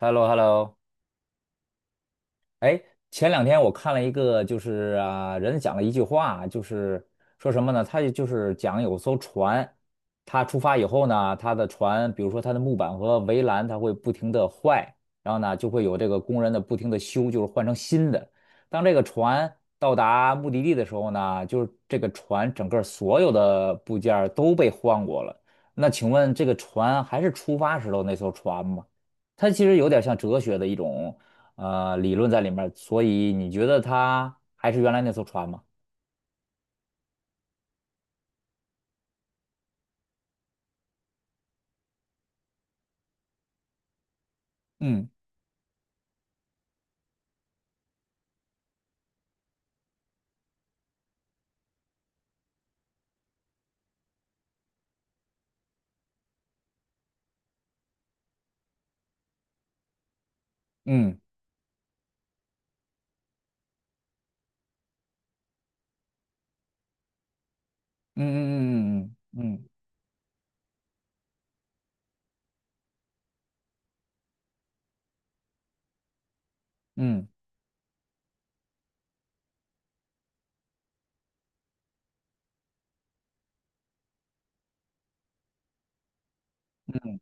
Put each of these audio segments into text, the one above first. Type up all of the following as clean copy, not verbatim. h e l l o h e l l o 哎，前两天我看了一个，就是啊，人讲了一句话，就是说什么呢？他就是讲有艘船，他出发以后呢，他的船，比如说它的木板和围栏，它会不停的坏，然后呢，就会有这个工人的不停的修，就是换成新的。当这个船到达目的地的时候呢，就是这个船整个所有的部件儿都被换过了。那请问这个船还是出发时候那艘船吗？它其实有点像哲学的一种理论在里面儿，所以你觉得它还是原来那艘船吗？嗯嗯嗯嗯嗯嗯嗯嗯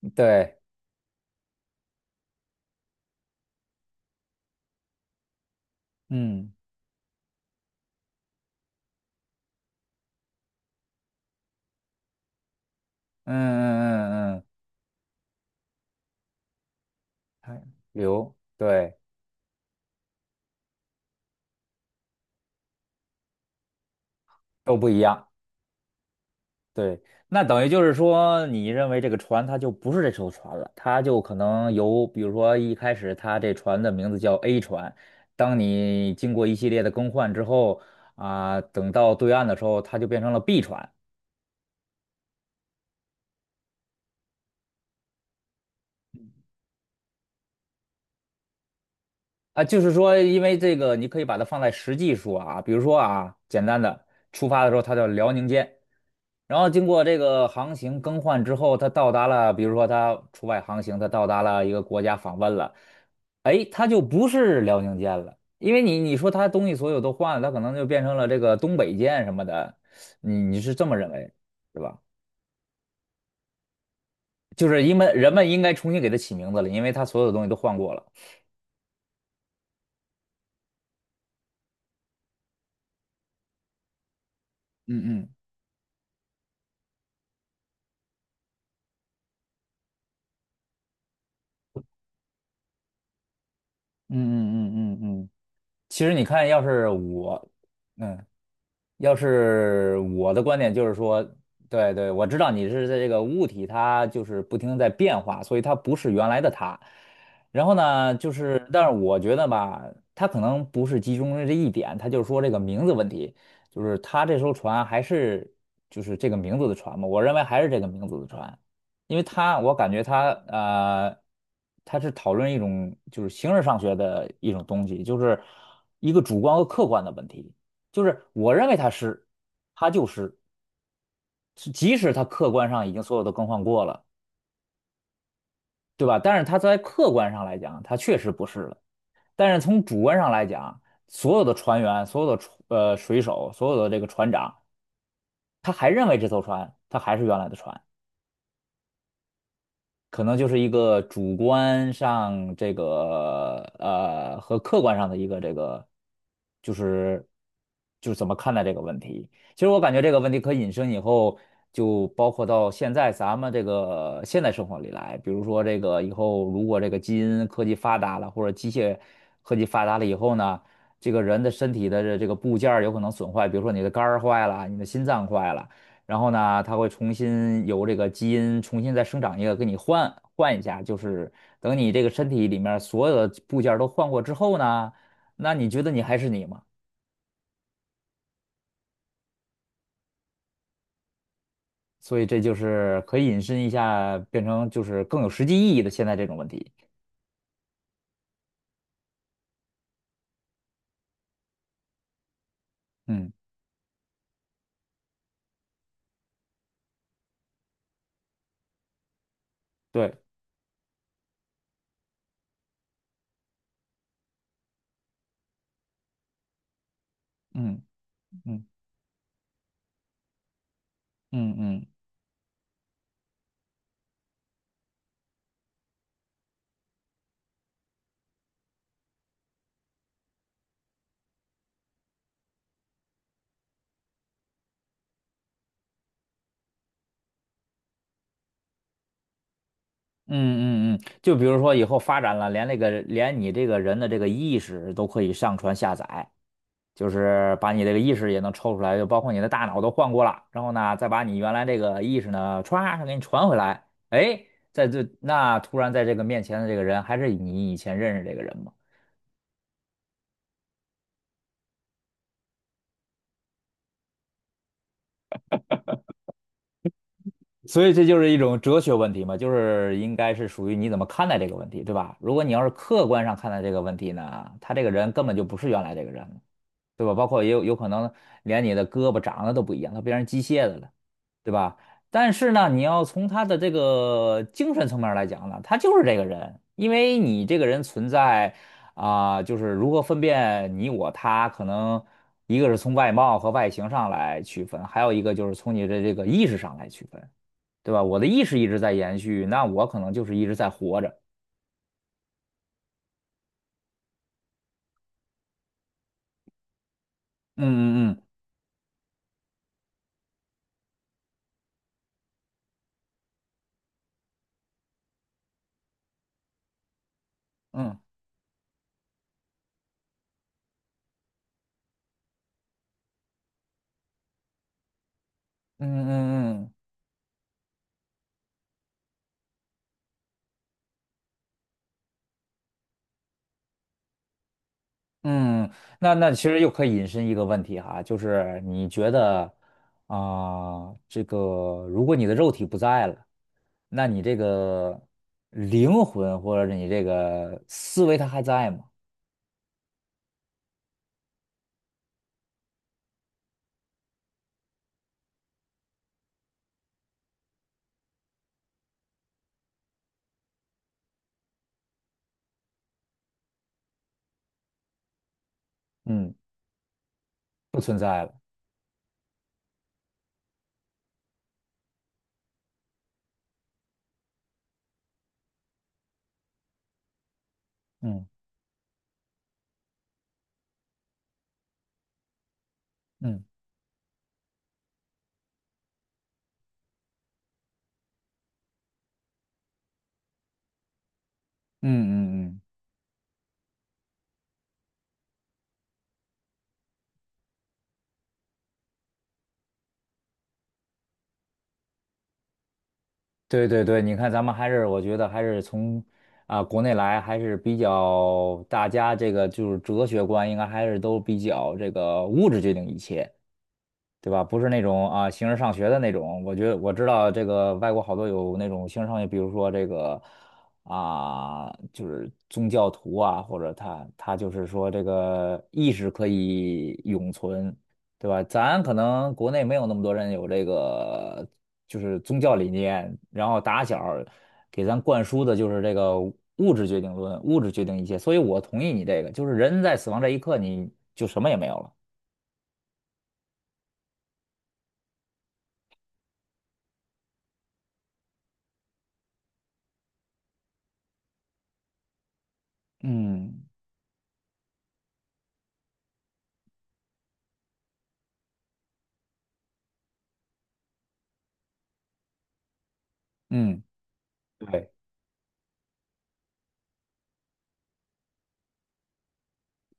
嗯，对，嗯嗯嗯嗯嗯，还流，对，都不一样。对，那等于就是说，你认为这个船它就不是这艘船了，它就可能由，比如说一开始它这船的名字叫 A 船，当你经过一系列的更换之后，啊、等到对岸的时候，它就变成了 B 船。啊，就是说，因为这个，你可以把它放在实际说啊，比如说啊，简单的，出发的时候它叫辽宁舰，然后经过这个航行更换之后，它到达了，比如说它出外航行，它到达了一个国家访问了，哎，它就不是辽宁舰了，因为你说它东西所有都换了，它可能就变成了这个东北舰什么的，你是这么认为，是吧？就是因为人们应该重新给它起名字了，因为它所有的东西都换过了。嗯嗯。嗯嗯嗯嗯嗯，其实你看，嗯，要是我的观点就是说，对对，我知道你是在这个物体，它就是不停地在变化，所以它不是原来的它。然后呢，就是，但是我觉得吧，它可能不是集中于这一点，它就是说这个名字问题，就是它这艘船还是就是这个名字的船嘛，我认为还是这个名字的船，因为它我感觉它它是讨论一种就是形而上学的一种东西，就是一个主观和客观的问题。就是我认为它是，它就湿，是即使它客观上已经所有都更换过了，对吧？但是它在客观上来讲，它确实不是了。但是从主观上来讲，所有的船员、所有的水手、所有的这个船长，他还认为这艘船它还是原来的船。可能就是一个主观上这个和客观上的一个这个，就是就是怎么看待这个问题。其实我感觉这个问题可引申以后，就包括到现在咱们这个现代生活里来，比如说这个以后如果这个基因科技发达了，或者机械科技发达了以后呢，这个人的身体的这个部件儿有可能损坏，比如说你的肝儿坏了，你的心脏坏了。然后呢，它会重新由这个基因重新再生长一个，给你换换一下，就是等你这个身体里面所有的部件儿都换过之后呢，那你觉得你还是你吗？所以这就是可以引申一下，变成就是更有实际意义的现在这种问题。嗯，对，嗯嗯嗯嗯嗯嗯嗯，就比如说以后发展了，连你这个人的这个意识都可以上传下载。就是把你这个意识也能抽出来，就包括你的大脑都换过了，然后呢，再把你原来这个意识呢，歘，给你传回来，哎，在这那突然在这个面前的这个人还是你以前认识这个人吗？所以这就是一种哲学问题嘛，就是应该是属于你怎么看待这个问题，对吧？如果你要是客观上看待这个问题呢，他这个人根本就不是原来这个人了。对吧？包括也有可能连你的胳膊长得都不一样，它变成机械的了，对吧？但是呢，你要从他的这个精神层面来讲呢，他就是这个人，因为你这个人存在啊、就是如何分辨你我他，可能一个是从外貌和外形上来区分，还有一个就是从你的这个意识上来区分，对吧？我的意识一直在延续，那我可能就是一直在活着。嗯嗯嗯嗯嗯嗯嗯嗯。嗯，那其实又可以引申一个问题哈，就是你觉得啊、这个如果你的肉体不在了，那你这个灵魂或者你这个思维它还在吗？嗯，不存在了。嗯嗯嗯嗯嗯，对对对，你看咱们还是我觉得还是从啊、国内来还是比较大家这个就是哲学观应该还是都比较这个物质决定一切。对吧？不是那种啊形而上学的那种。我觉得我知道这个外国好多有那种形而上学，比如说这个啊，就是宗教徒啊，或者他就是说这个意识可以永存，对吧？咱可能国内没有那么多人有这个就是宗教理念，然后打小儿给咱灌输的就是这个物质决定论，物质决定一切。所以我同意你这个，就是人在死亡这一刻，你就什么也没有了。嗯嗯，对。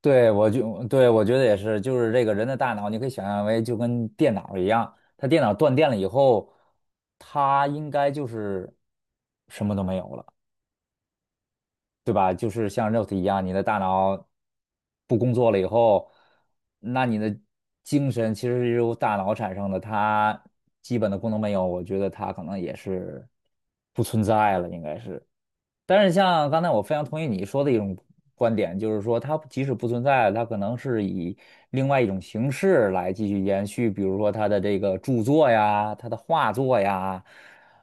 对，我就对我觉得也是，就是这个人的大脑，你可以想象为就跟电脑一样，它电脑断电了以后，它应该就是什么都没有了，对吧？就是像肉体一样，你的大脑不工作了以后，那你的精神其实是由大脑产生的，它基本的功能没有，我觉得它可能也是不存在了，应该是。但是像刚才我非常同意你说的一种观点，就是说它即使不存在，它可能是以另外一种形式来继续延续，比如说它的这个著作呀，它的画作呀，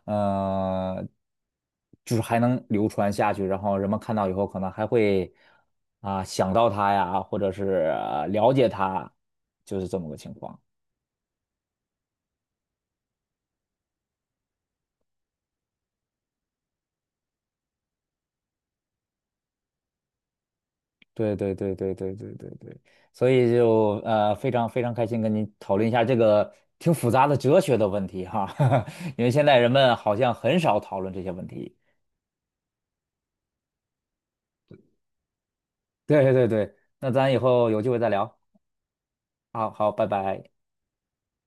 呃，就是还能流传下去，然后人们看到以后可能还会啊、想到它呀，或者是、了解它，就是这么个情况。对对对对对对对对，所以就非常非常开心跟您讨论一下这个挺复杂的哲学的问题哈，因为现在人们好像很少讨论这些问题。对对对，那咱以后有机会再聊。好好，拜拜。